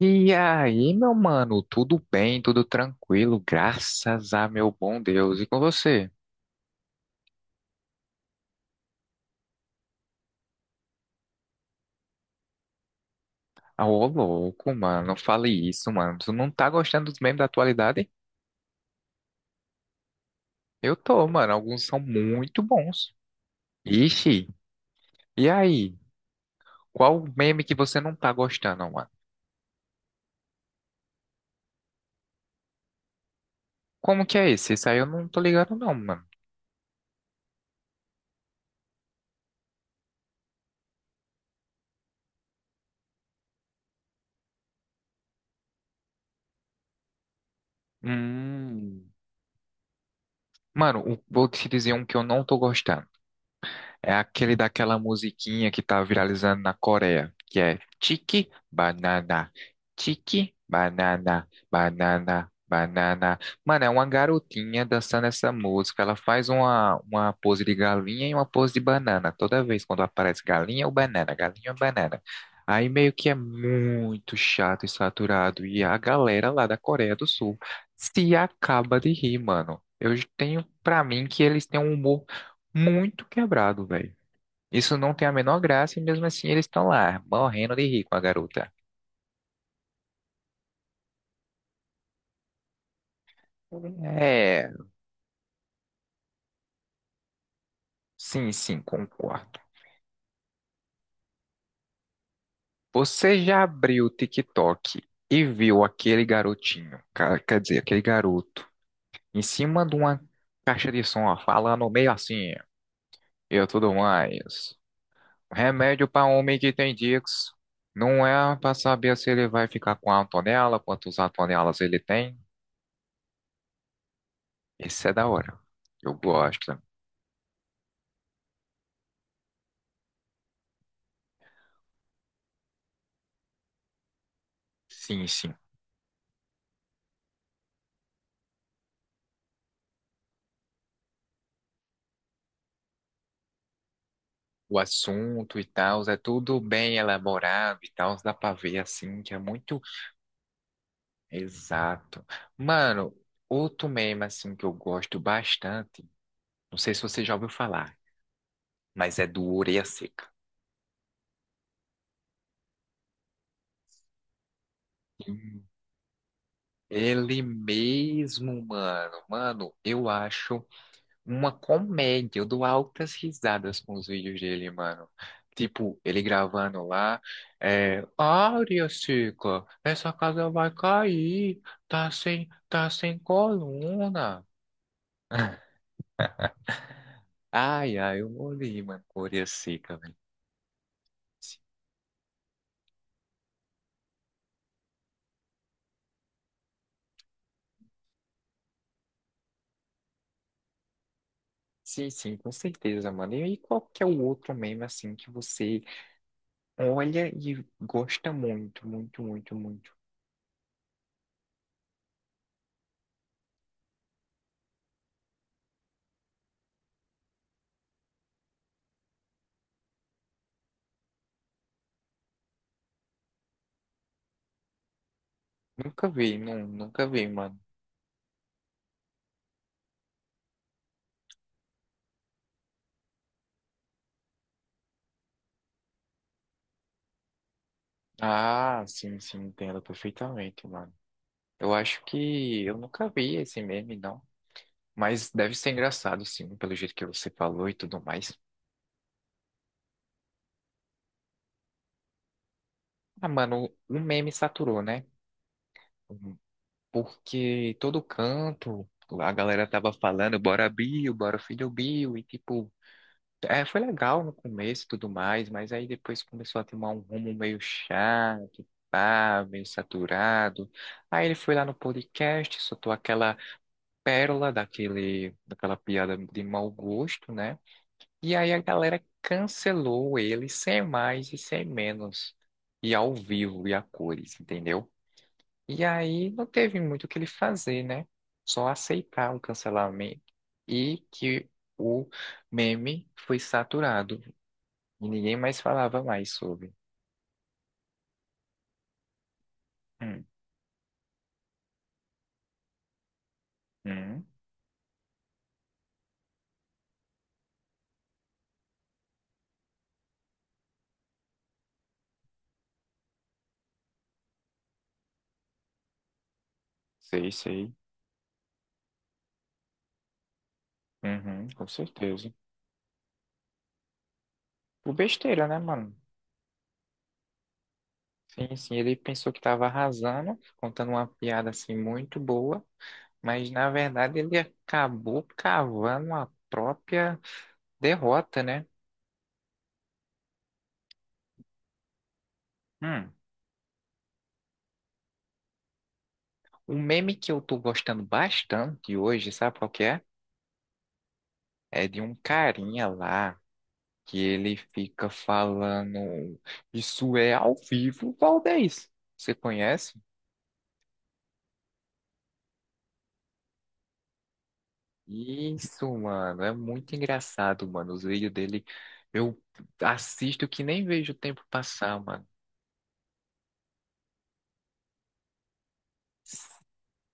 E aí, meu mano, tudo bem, tudo tranquilo, graças a meu bom Deus. E com você? Ah, ô louco, mano, não fale isso, mano. Tu não tá gostando dos memes da atualidade? Eu tô, mano, alguns são muito bons. Ixi, e aí? Qual meme que você não tá gostando, mano? Como que é esse? Esse aí eu não tô ligado, não, mano. Hum. Vou te dizer um que eu não tô gostando. É aquele daquela musiquinha que tá viralizando na Coreia, que é Tiki Banana, Tiki Banana, Banana, Banana. Mano, é uma garotinha dançando essa música. Ela faz uma pose de galinha e uma pose de banana. Toda vez quando aparece galinha ou banana, galinha ou banana. Aí meio que é muito chato e saturado. E a galera lá da Coreia do Sul se acaba de rir, mano. Eu tenho pra mim que eles têm um humor muito quebrado, velho. Isso não tem a menor graça e mesmo assim eles estão lá, morrendo de rir com a garota. É, sim, sim, concordo. Você já abriu o TikTok e viu aquele garotinho, quer dizer, aquele garoto, em cima de uma caixa de som, ó, falando meio assim, eu tudo mais. Remédio para homem que tem tics. Não é para saber se ele vai ficar com a tonela, quantos atonelas ele tem. Isso é da hora. Eu gosto. Sim, sim. O assunto e tal, é tudo bem elaborado e tal, dá pra ver assim que é muito exato. Mano, outro meme assim que eu gosto bastante, não sei se você já ouviu falar, mas é do Orelha Seca. Sim. Ele mesmo, mano. Mano, eu acho uma comédia. Eu dou altas risadas com os vídeos dele, mano. Tipo, ele gravando lá, é, Áurea, Cica, essa casa vai cair, tá sem coluna. Ai, ai, eu morri, mano, com Áurea Seca, velho. Sim, sim, com certeza, mano. E aí, qual que é o outro meme, assim, que você olha e gosta muito, muito, muito, muito? Nunca vi, não, nunca vi, mano. Ah, sim, sim, entendo perfeitamente, mano. Eu acho que eu nunca vi esse meme, não. Mas deve ser engraçado, sim, pelo jeito que você falou e tudo mais. Ah, mano, o meme saturou, né? Hum. Porque todo canto, a galera tava falando, bora Bill, bora filho Bill, e tipo, é, foi legal no começo e tudo mais, mas aí depois começou a tomar um rumo meio chato, pá, meio saturado. Aí ele foi lá no podcast, soltou aquela pérola daquela piada de mau gosto, né? E aí a galera cancelou ele sem mais e sem menos. E ao vivo e a cores, entendeu? E aí não teve muito o que ele fazer, né? Só aceitar o cancelamento e que o meme foi saturado e ninguém mais falava mais sobre. Hum, hum, sei, sei. Uhum, com certeza. Por besteira, né, mano? Sim, sim, ele pensou que tava arrasando, contando uma piada assim muito boa. Mas na verdade ele acabou cavando a própria derrota, né? Hum. Um meme que eu tô gostando bastante hoje, sabe qual que é? É de um carinha lá que ele fica falando: isso é ao vivo, Valdez. Você conhece? Isso, mano, é muito engraçado, mano. Os vídeos dele eu assisto que nem vejo o tempo passar, mano.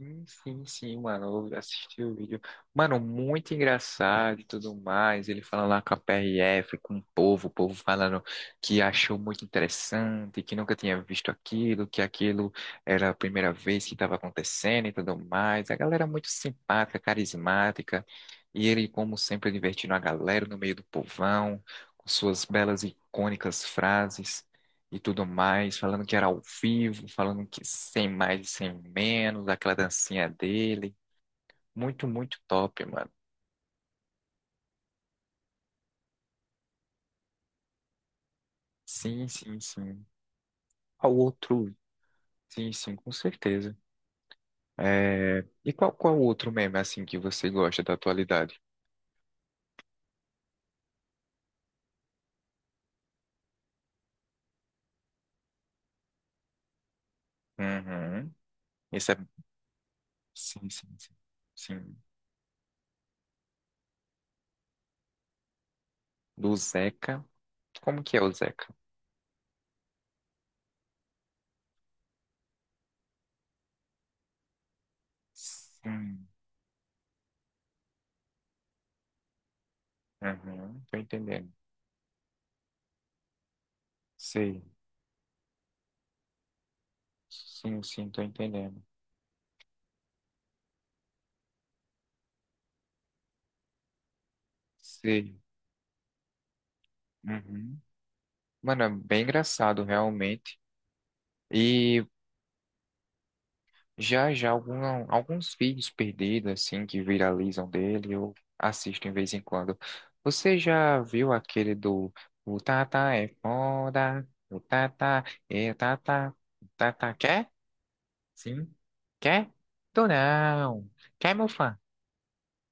Sim, sim, sim, mano. Eu assisti o vídeo. Mano, muito engraçado e tudo mais. Ele falando lá com a PRF, com o povo falando que achou muito interessante, que nunca tinha visto aquilo, que aquilo era a primeira vez que estava acontecendo e tudo mais. A galera muito simpática, carismática. E ele, como sempre, divertindo a galera no meio do povão, com suas belas e icônicas frases e tudo mais, falando que era ao vivo, falando que sem mais e sem menos, aquela dancinha dele. Muito, muito top, mano. Sim, sim, sim. Ao outro, sim, sim, com certeza. É... E qual outro meme, assim, que você gosta da atualidade? Uhum. Esse é... Sim, sim, sim. Sim. Do Zeca. Como que é o Zeca? Sim. Uhum. Tô entendendo. Sei. Sim, sim, tô entendendo. Sei. Uhum. Mano, é bem engraçado realmente. E já já alguns vídeos perdidos assim que viralizam dele, eu assisto de vez em quando. Você já viu aquele do o Tata é foda, o Tata é Tata, o Tata quer? Sim. Quer? Tô não. Quer, meu fã?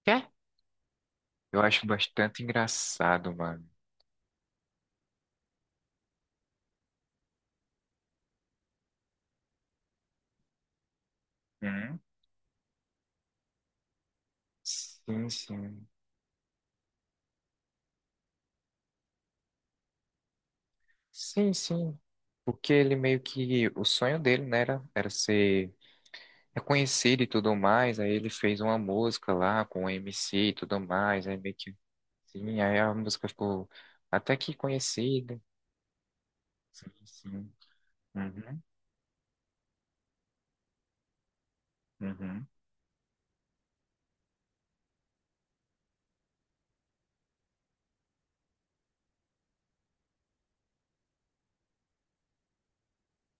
Quer? Eu acho bastante engraçado, mano. Hum? Sim, sim. Sim, sim. Porque ele meio que. O sonho dele, né, era ser reconhecido e tudo mais. Aí ele fez uma música lá com o MC e tudo mais. Aí meio que. Sim, aí a música ficou até que conhecida. Sim, sim. Uhum, uhum.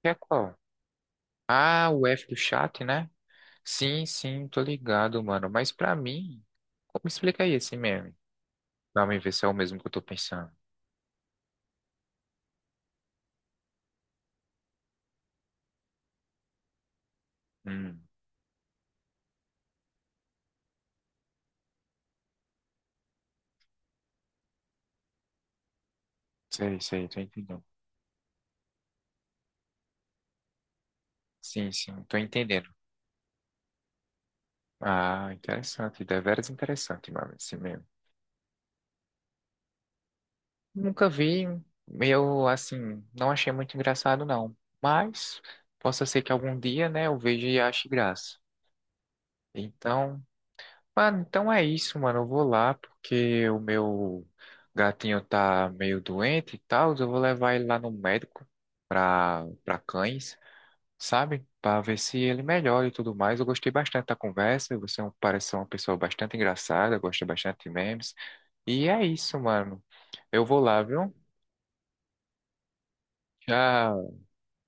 Que é qual? Ah, o F do chat, né? Sim, sim, tô ligado, mano. Mas pra mim. Como explica aí esse meme? Pra mim ver se é o mesmo que eu tô pensando. Hum, sei, sei, tô entendendo. Sim, sim, tô entendendo. Ah, interessante, deveras interessante, mano, assim mesmo. Nunca vi, eu, assim, não achei muito engraçado, não. Mas, possa ser que algum dia, né, eu veja e ache graça. Então, mano, então é isso, mano, eu vou lá, porque o meu gatinho tá meio doente e tal, eu vou levar ele lá no médico pra cães. Sabe? Para ver se ele melhora e tudo mais. Eu gostei bastante da conversa. Você é parece ser uma pessoa bastante engraçada, gosta bastante de memes. E é isso, mano. Eu vou lá, viu? Tchau